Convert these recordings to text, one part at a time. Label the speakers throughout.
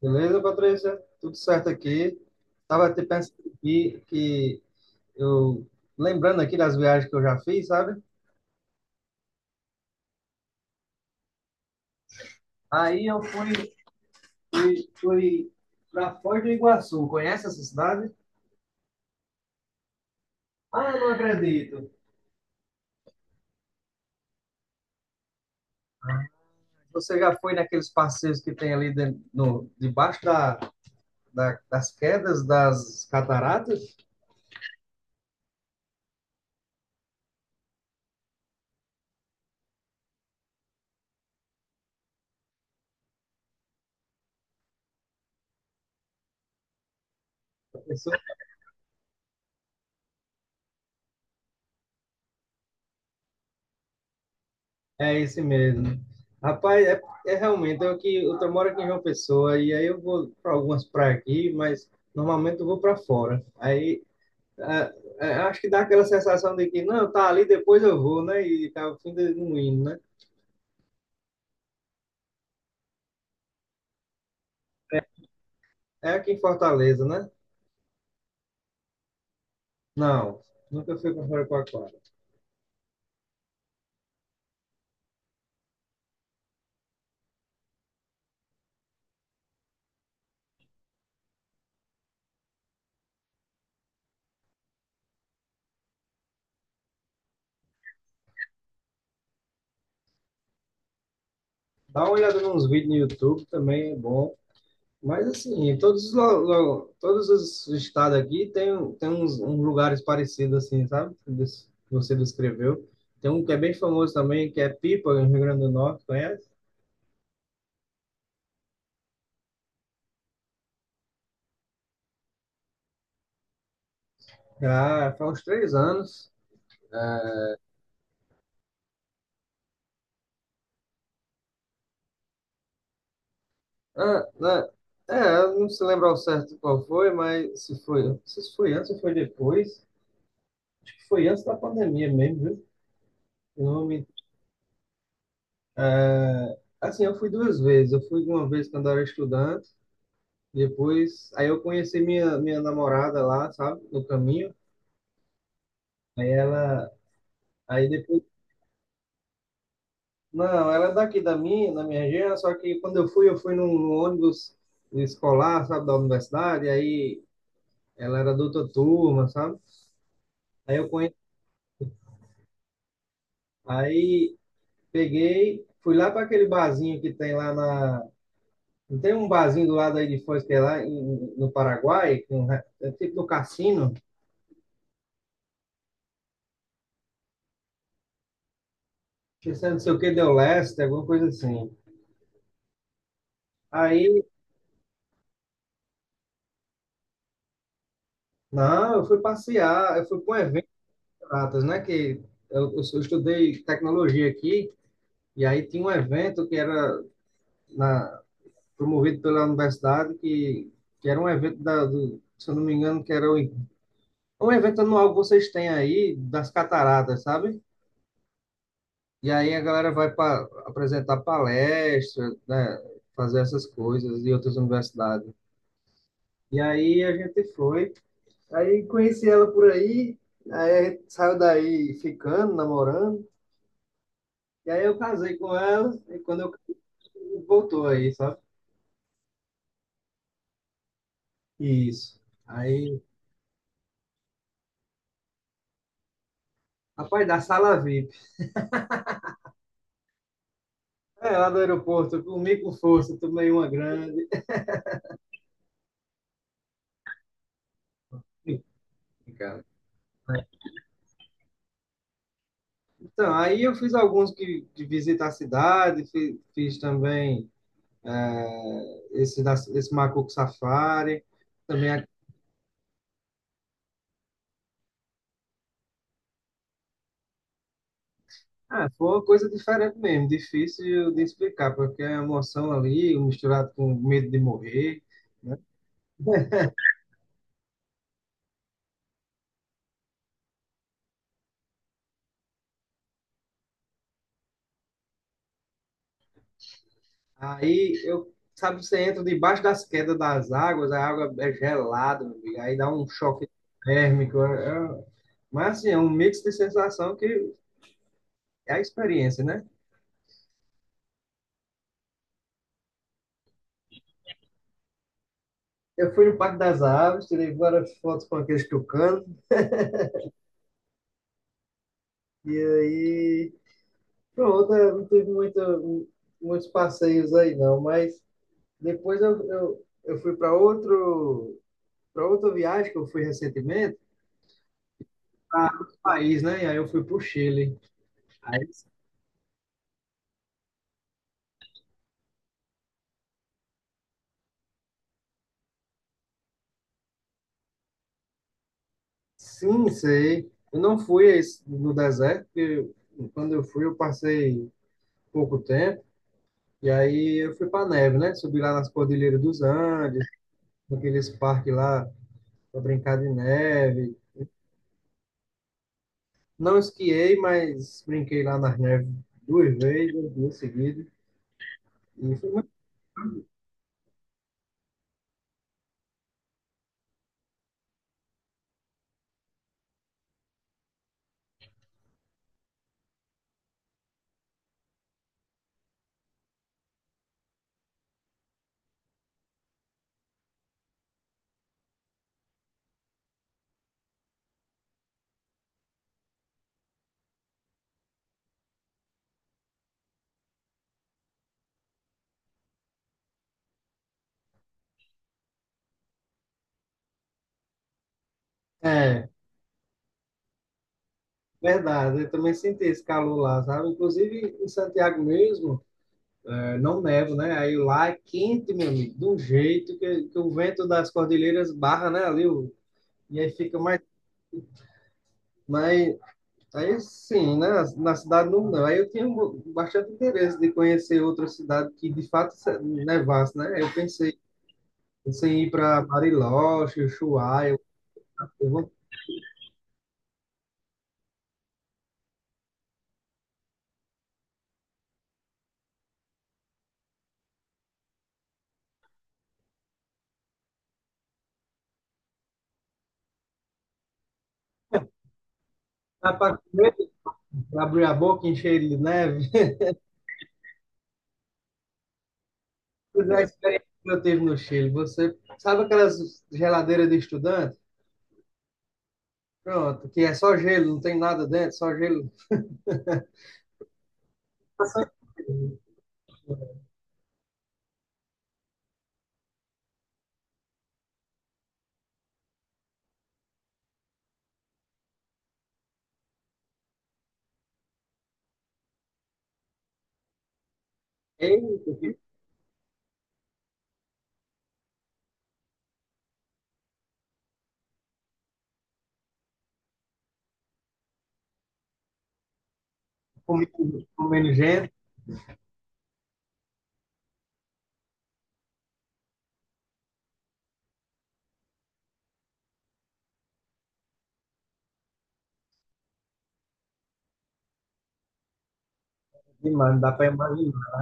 Speaker 1: Beleza, Patrícia? Tudo certo aqui. Estava até pensando aqui que eu, lembrando aqui das viagens que eu já fiz, sabe? Aí eu fui para Foz do Iguaçu. Conhece essa cidade? Ah, eu não acredito. Você já foi naqueles passeios que tem ali dentro, no, debaixo das quedas das cataratas? É esse mesmo. Rapaz, realmente eu que eu tô- moro aqui em João Pessoa e aí eu vou para algumas praias aqui, mas normalmente eu vou para fora. Ah, Acho que dá aquela sensação de que não, tá ali, depois eu vou, né? E tá o fim de não indo, né? É aqui em Fortaleza, né? Não, nunca fui para fora com aquário. Dá uma olhada nos vídeos no YouTube também, é bom. Mas assim, em todos todos os estados aqui tem uns, uns lugares parecidos assim, sabe? Que você descreveu. Tem um que é bem famoso também, que é Pipa, no Rio Grande do Norte, conhece? Já faz uns 3 anos. Ah, né? É, eu não se lembro ao certo qual foi, mas se foi antes ou foi depois. Acho que foi antes da pandemia mesmo, viu? Eu não Assim, eu fui 2 vezes. Eu fui uma vez quando eu era estudante. Depois, aí eu conheci minha namorada lá, sabe, no caminho. Aí ela, aí depois, Não, ela é daqui da minha região, só que quando eu fui num ônibus escolar, sabe, da universidade, aí ela era da outra turma, sabe? Aí eu conheci, aí peguei, fui lá para aquele barzinho que tem não tem um barzinho do lado aí de Foz, que é no Paraguai, que é um é tipo do cassino, que é não sei o que, deu leste, alguma coisa assim. Aí não, eu fui passear, eu fui para um evento, Atas, né? Que eu estudei tecnologia aqui, e aí tinha um evento que era na, promovido pela universidade, que era um evento, se eu não me engano, que era um evento anual que vocês têm aí, das cataratas, sabe? E aí a galera vai para apresentar palestra, né? Fazer essas coisas em outras universidades. E aí a gente foi, aí conheci ela por aí, aí a gente saiu daí ficando, namorando. E aí eu casei com ela, e quando eu casei, voltou aí, sabe? Isso. Aí, rapaz, da sala VIP. É, lá do aeroporto, eu comi com força, tomei uma grande. Cara. Então, aí eu fiz alguns que, de visita à cidade, fiz, também esse, esse Macuco Safari, também a- ah, foi uma coisa diferente mesmo, difícil de explicar, porque a emoção ali, misturado com medo de morrer. Aí eu, sabe, você entra debaixo das quedas das águas, a água é gelada, meu amigo, aí dá um choque térmico. Mas assim, é um mix de sensação que é a experiência, né? Eu fui no Parque das Aves, tirei várias fotos com aqueles tucanos, e aí pronto, é, não teve muitos passeios aí não, mas depois eu fui para outro, para outra viagem que eu fui recentemente, para outro país, né? E aí eu fui para o Chile. Aí sim, sei. Eu não fui no deserto, porque quando eu fui, eu passei pouco tempo, e aí eu fui para neve, né? Subi lá nas Cordilheiras dos Andes, naqueles parques lá para brincar de neve. Não esquiei, mas brinquei lá nas neves 2 vezes, 2 dias seguidos. E foi muito... É, verdade, eu também senti esse calor lá, sabe? Inclusive em Santiago mesmo, é, não neva, né? Aí lá é quente, meu amigo, de um jeito que o vento das cordilheiras barra, né? Ali o. E aí fica mais, aí sim, né? Na cidade não. Aí eu tinha um bastante interesse de conhecer outra cidade que de fato nevasse, né? Pensei em ir para Bariloche, Ushuaia. Eu vou para Abrir a boca e encher ele de neve. Pois é, a experiência que eu tive no Chile. Você sabe aquelas geladeiras de estudante? Pronto, que é só gelo, não tem nada dentro, só gelo. Eita, que comi- comendo gente, demais, não dá para imaginar.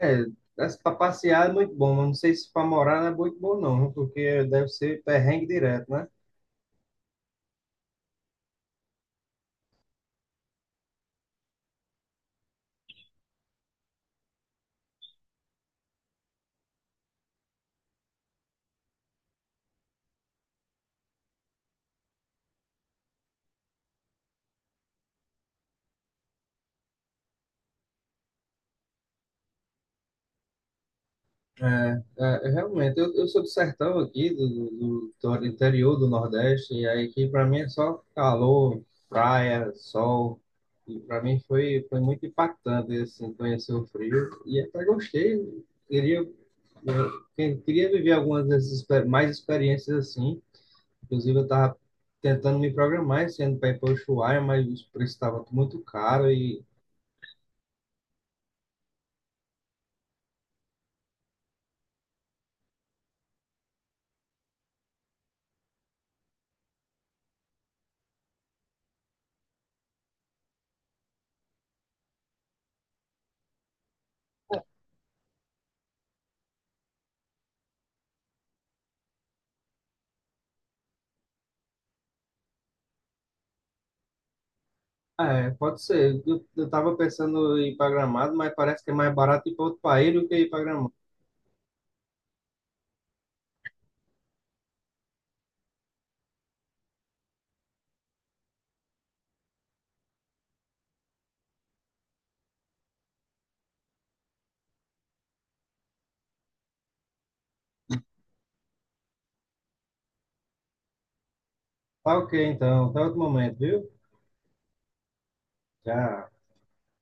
Speaker 1: É, para passear é muito bom, mas não sei se para morar não é muito bom não, viu? Porque deve ser perrengue direto, né? É, Realmente, eu sou do sertão aqui, do interior do Nordeste, e aí que para mim é só calor, praia, sol, e para mim foi muito impactante, assim, conhecer o frio, e até gostei, queria, queria viver algumas dessas mais experiências assim. Inclusive, eu estava tentando me programar esse ano para ir para Ushuaia, mas o preço estava muito caro e. Ah, é, pode ser. Eu tava pensando em ir para Gramado, mas parece que é mais barato ir para outro país do que ir para Gramado. Tá ok, então. Até outro momento, viu? Tchau.